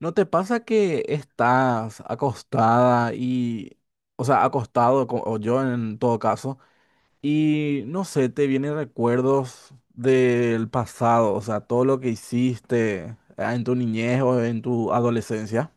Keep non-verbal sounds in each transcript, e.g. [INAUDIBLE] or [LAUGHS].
¿No te pasa que estás acostada y, o sea, acostado, o yo en todo caso, y no sé, te vienen recuerdos del pasado, o sea, todo lo que hiciste en tu niñez o en tu adolescencia?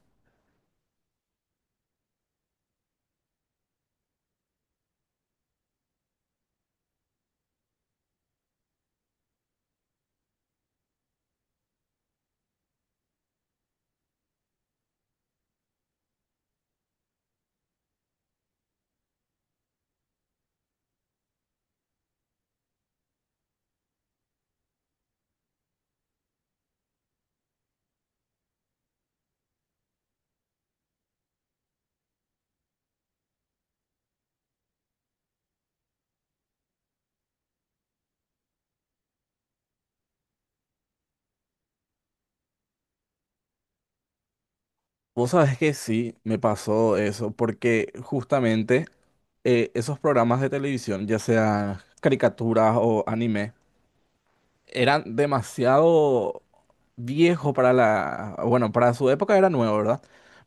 Vos sabés que sí, me pasó eso, porque justamente esos programas de televisión, ya sean caricaturas o anime, era demasiado viejo para la, bueno, para su época era nuevo, ¿verdad?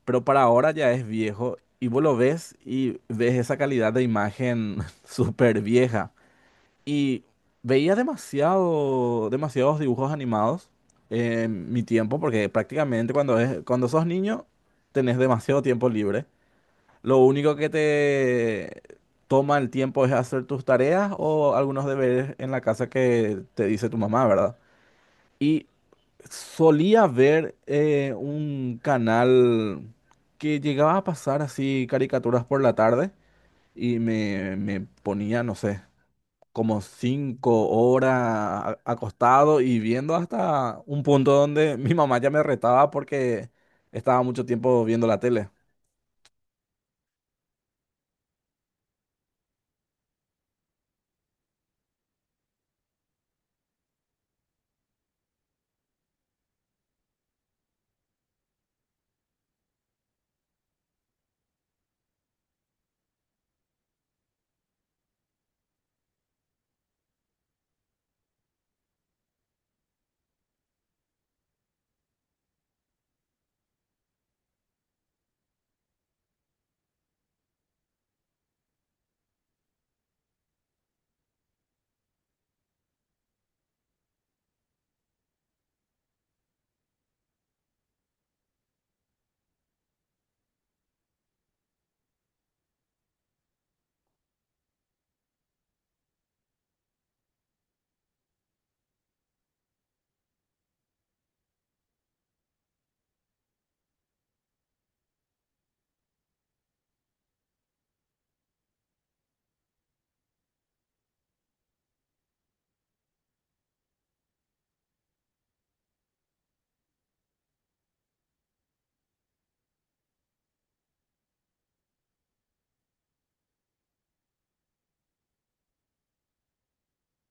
Pero para ahora ya es viejo y vos lo ves y ves esa calidad de imagen [LAUGHS] súper vieja. Y veía demasiado, demasiados dibujos animados en mi tiempo, porque prácticamente cuando es, cuando sos niño tenés demasiado tiempo libre. Lo único que te toma el tiempo es hacer tus tareas o algunos deberes en la casa que te dice tu mamá, ¿verdad? Y solía ver un canal que llegaba a pasar así caricaturas por la tarde y me ponía, no sé, como 5 horas acostado y viendo hasta un punto donde [LAUGHS] mi mamá ya me retaba porque estaba mucho tiempo viendo la tele.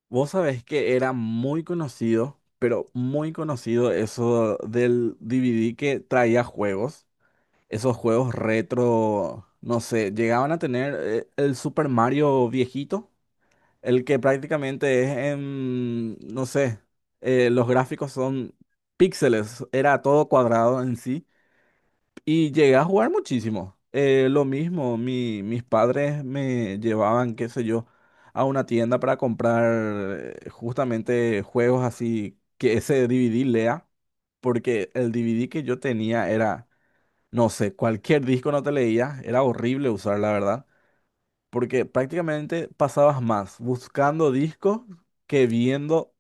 Vos sabés que era muy conocido, pero muy conocido eso del DVD que traía juegos. Esos juegos retro, no sé, llegaban a tener el Super Mario viejito, el que prácticamente es en, no sé, los gráficos son píxeles, era todo cuadrado en sí, y llegué a jugar muchísimo. Lo mismo, mis padres me llevaban, qué sé yo, a una tienda para comprar justamente juegos así que ese DVD lea, porque el DVD que yo tenía era... No sé, cualquier disco no te leía, era horrible usar, la verdad, porque prácticamente pasabas más buscando discos que viendo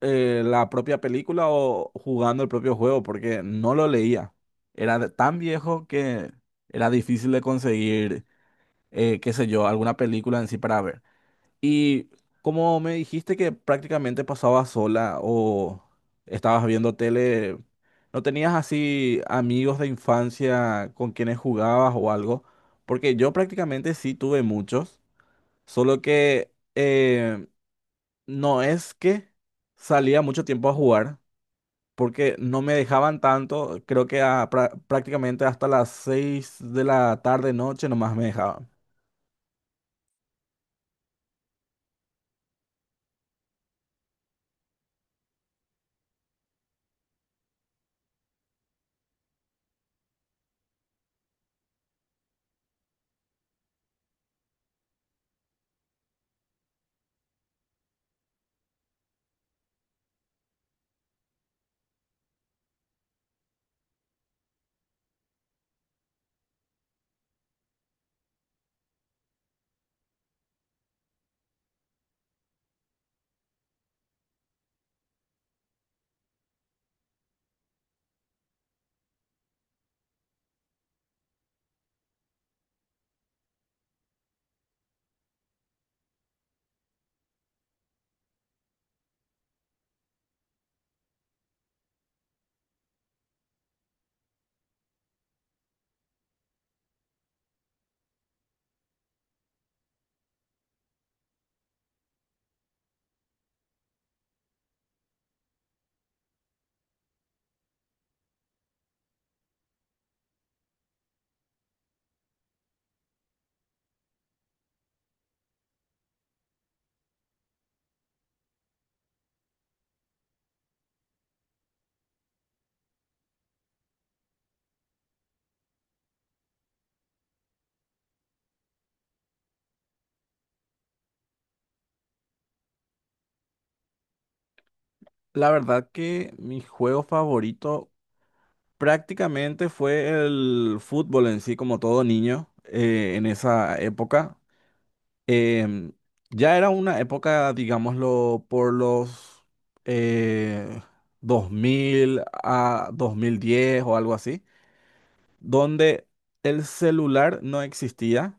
la propia película o jugando el propio juego, porque no lo leía. Era tan viejo que era difícil de conseguir, qué sé yo, alguna película en sí para ver. Y como me dijiste que prácticamente pasabas sola o estabas viendo tele, ¿no tenías así amigos de infancia con quienes jugabas o algo? Porque yo prácticamente sí tuve muchos, solo que no es que salía mucho tiempo a jugar, porque no me dejaban tanto, creo que prácticamente hasta las 6 de la tarde, noche nomás me dejaban. La verdad que mi juego favorito prácticamente fue el fútbol en sí, como todo niño, en esa época. Em, ya era una época, digámoslo, por los eh, 2000 a 2010 o algo así, donde el celular no existía.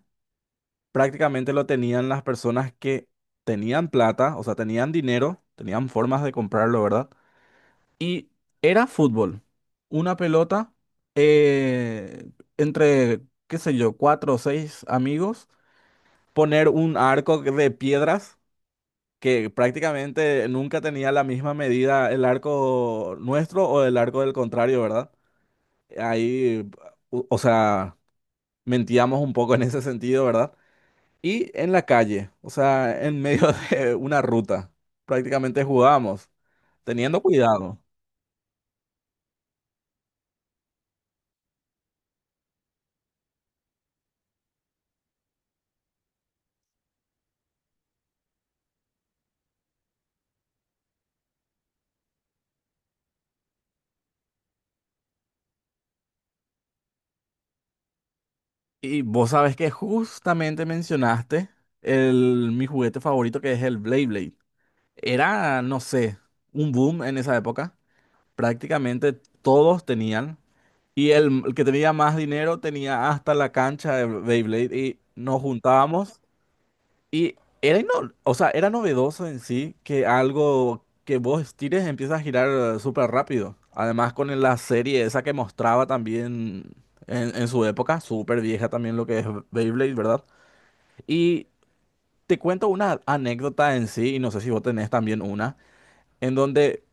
Prácticamente lo tenían las personas que tenían plata, o sea, tenían dinero, tenían formas de comprarlo, ¿verdad? Y era fútbol. Una pelota eh, entre, qué sé yo, cuatro o seis amigos, poner un arco de piedras que prácticamente nunca tenía la misma medida el arco nuestro o el arco del contrario, ¿verdad? Ahí, o sea, mentíamos un poco en ese sentido, ¿verdad? Y en la calle, o sea, en medio [LAUGHS] de una ruta, prácticamente jugábamos, teniendo cuidado. Y vos sabes que justamente mencionaste mi juguete favorito que es el Blade Blade. Era, no sé, un boom en esa época. Prácticamente todos tenían. Y el que tenía más dinero tenía hasta la cancha de Beyblade y nos juntábamos. Y era, o sea, era novedoso en sí que algo que vos tires empieza a girar súper rápido. Además con la serie esa que mostraba también en su época, súper vieja también lo que es Beyblade, ¿verdad? Y te cuento una anécdota en sí, y no sé si vos tenés también una, en donde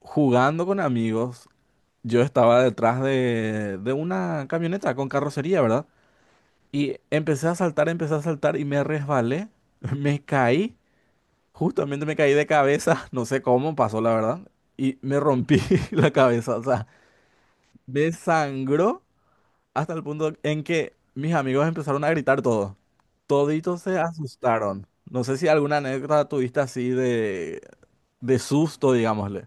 jugando con amigos, yo estaba detrás de una camioneta con carrocería, ¿verdad? Y empecé a saltar y me resbalé, [LAUGHS] me caí, justamente me caí de cabeza, [LAUGHS] no sé cómo pasó la verdad, y me rompí [LAUGHS] la cabeza, o sea, me sangró hasta el punto en que mis amigos empezaron a gritar todo. Toditos se asustaron. No sé si alguna anécdota tuviste así de susto, digámosle.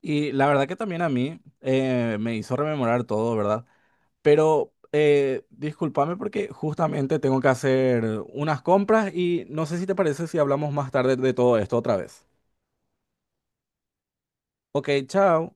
Y la verdad que también a mí me hizo rememorar todo, ¿verdad? Pero discúlpame porque justamente tengo que hacer unas compras y no sé si te parece si hablamos más tarde de todo esto otra vez. Ok, chao.